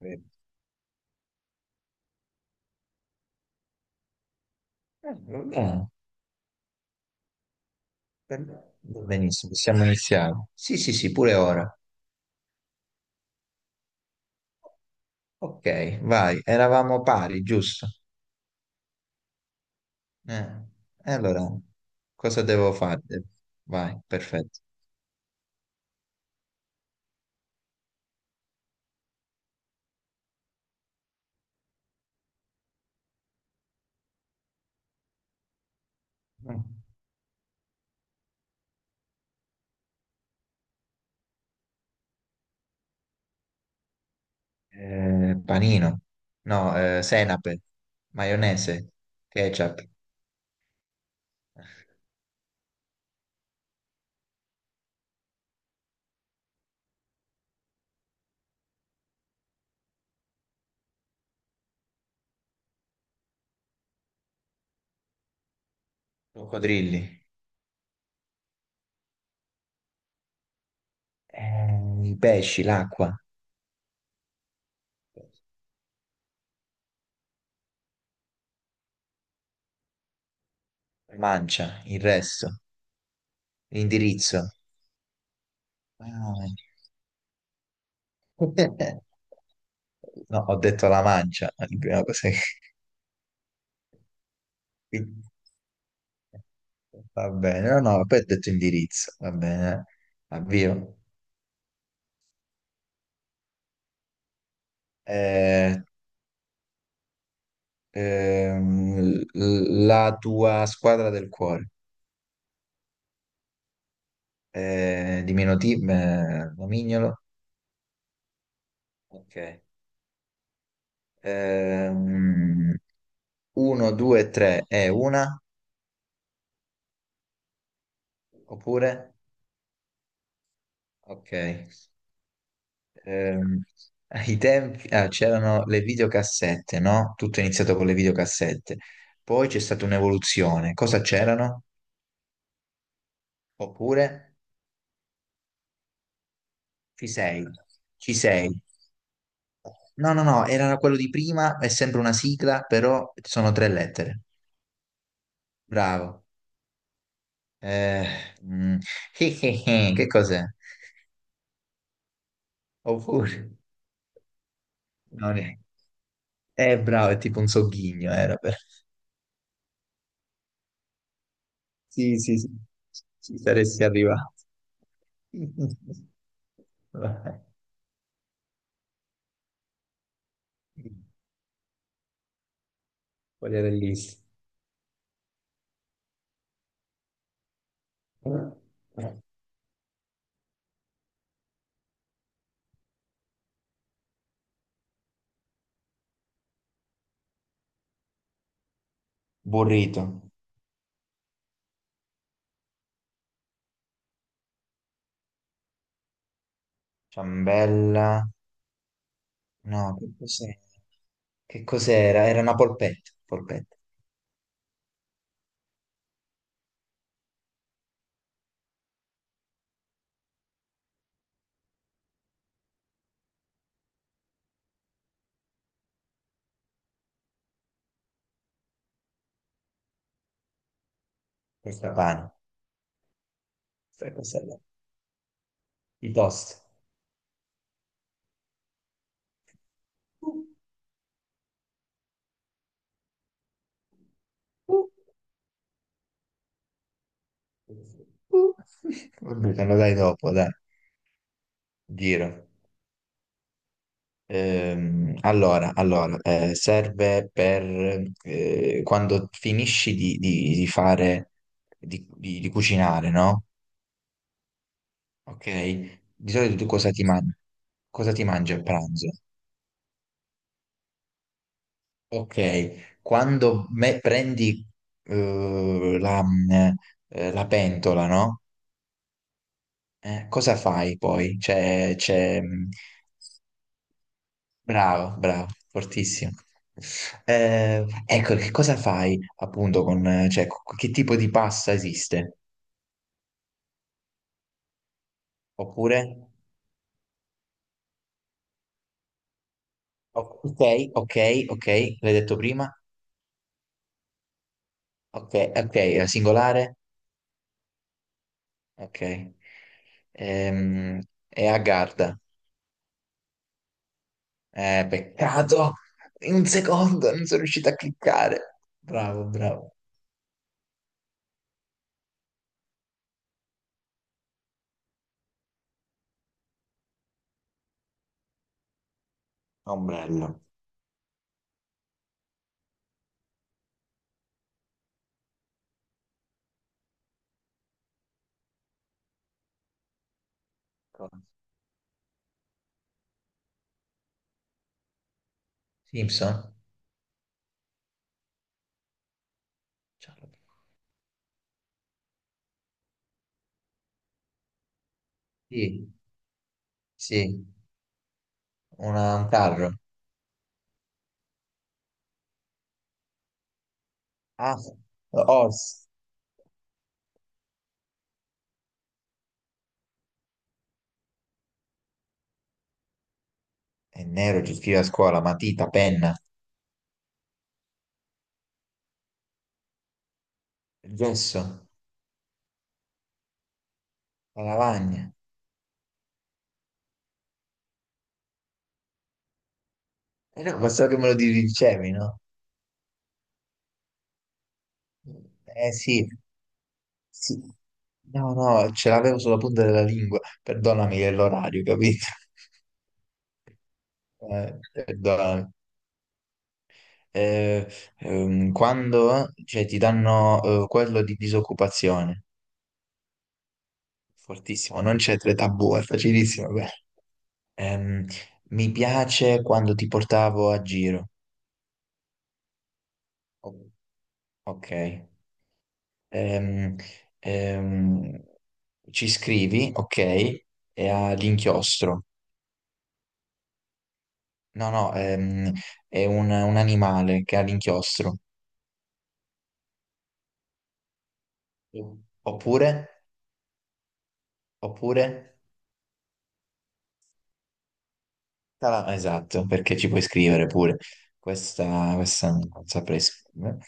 Eh, Va bene. Per me va benissimo, possiamo iniziare. Sì, sì, sì, pure ora. Ok, vai, eravamo pari, giusto? Eh, e allora, cosa devo fare? Vai, perfetto. Mm. Panino, no, senape, maionese, ketchup, coccodrilli, i pesci, l'acqua, mancia, il resto, l'indirizzo. Ah, No, ho detto la mancia, è la prima cosa che quindi- va bene, no, no, poi ho detto indirizzo, va bene, avvio. Eh, ehm, la tua squadra del cuore, diminutivo, nomignolo. Ok. Ehm, Uno, due, tre è una, oppure? Ok. Ehm, Ai tempi ah, c'erano le videocassette, no? Tutto è iniziato con le videocassette. Poi c'è stata un'evoluzione. Cosa c'erano? Oppure ci sei, ci sei. No, no, no, era quello di prima, è sempre una sigla, però sono tre lettere. Bravo. Eh, mm, che cos'è? Oppure no, ne- bravo, è tipo un sogghigno, era per... Sì, sì, sì, ci saresti arrivato. Vabbè. Quella era bellissima. Burrito, ciambella, no, che cos'era? Che cos'era? Era una polpetta, polpetta, questa pane, questa cos'era? I toast. Uh, uh, uh. Vabbè, te lo dai dopo, dai, giro. Allora, allora, serve per quando finisci di fare, di cucinare, no? Ok? Di solito tu cosa ti mangi? Cosa ti mangi a pranzo? Ok, quando me- prendi eh, la, la pentola, no? Cosa fai poi? C'è, bravo, bravo, fortissimo. Ecco, che cosa fai appunto con, cioè, co- che tipo di pasta esiste? Oppure, o- ok, ok, ok, l'hai detto prima, ok, ok, è singolare, ok. Ehm, è a Garda. Peccato, in un secondo non sono riuscito a cliccare. Bravo, bravo. Ombrello. Simpson? Sì, sì, una- un carro. Ah, Oz. È nero, ci scrive a scuola, matita, penna, il gesso, la lavagna. Eh no, ma so che me lo dicevi, no? Eh sì, sì. No, no, ce l'avevo sulla punta della lingua. Perdonami, è l'orario, capito? Perdonami. Eh, Quando cioè, ti danno quello di disoccupazione, fortissimo, non c'è tre tabù, è facilissimo. Quello. Ehm, Mi piace quando ti portavo a giro. Ok. Ehm, ehm, Ci scrivi, ok, e ha l'inchiostro. No, no, è un animale che ha l'inchiostro. Oppure, oppure, tala- esatto, perché ci puoi scrivere pure. Questa non saprei scrivere.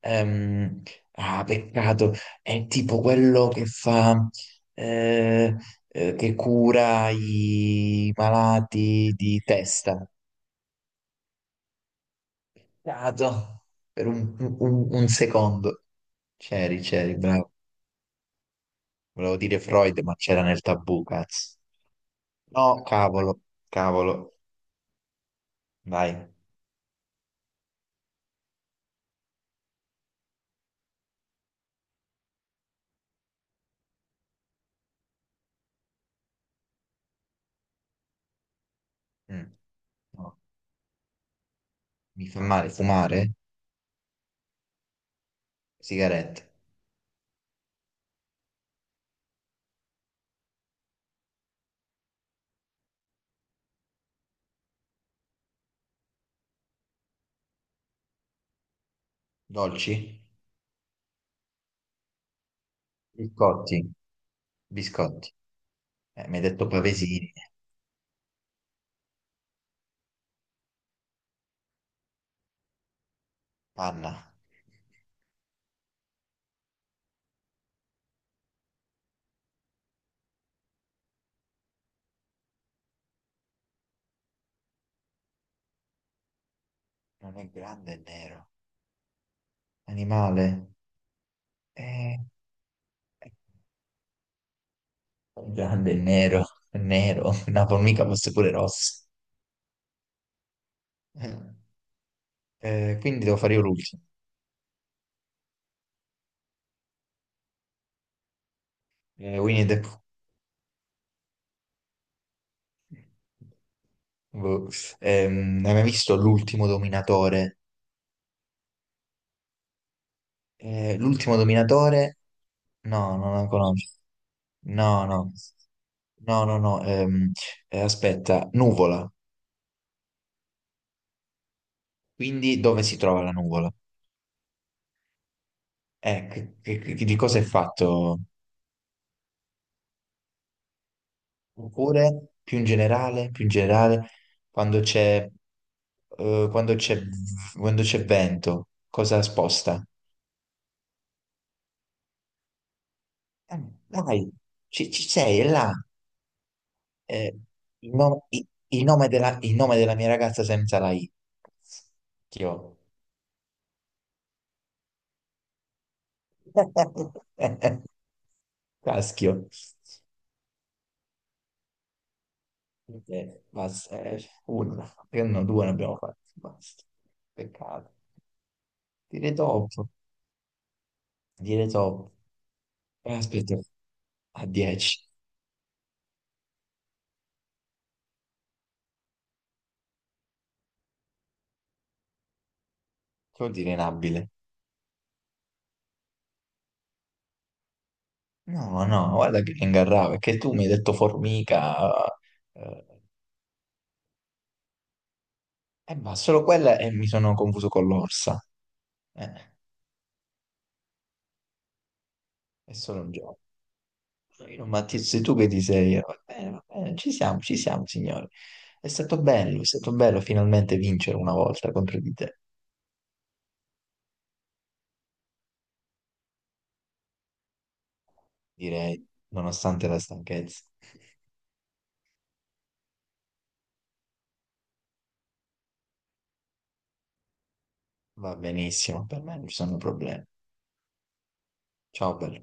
Ehm, ah, peccato, è tipo quello che fa, eh, che cura i malati di testa. Dato. Per un secondo. C'eri, c'eri, bravo. Volevo dire Freud, ma c'era nel tabù, cazzo. No, cavolo, cavolo. Vai. Mm, no. Mi fa male fumare? Sigarette. Dolci? Biscotti. Biscotti. Mi hai detto pavesini. Panna. Non è grande, è nero. Animale? Eh, è grande, è nero. È nero. Una formica fosse pure rossa. Quindi devo fare io l'ultimo. Winnie the Pooh. Boh. Hai mai visto L'ultimo Dominatore? L'ultimo Dominatore? No, non la conosco. No, no. No, no, no. Aspetta, nuvola. Quindi dove si trova la nuvola? Di cosa è fatto? Oppure, più in generale, quando c'è eh, quando c'è quando c'è vento, cosa sposta? Eh, Dai, ci sei, è là. Eh, il, no- i- Il nome della, il nome della mia ragazza senza la I. Schio. Caschio. Basta, uno, perché no, due ne abbiamo fatti, basta. Peccato. Dire top, dire top. Aspetta, a 10. Che vuol dire inabile? No, no, guarda che ingarrava, perché tu mi hai detto formica, eh, ma solo quella e mi sono confuso con l'orsa. Eh, è solo un gioco. Io, Matteo, sei tu che ti sei... va bene, va bene, ci siamo, signore. È stato bello finalmente vincere una volta contro di te, direi, nonostante la stanchezza. Va benissimo, per me non ci sono problemi. Ciao, bello.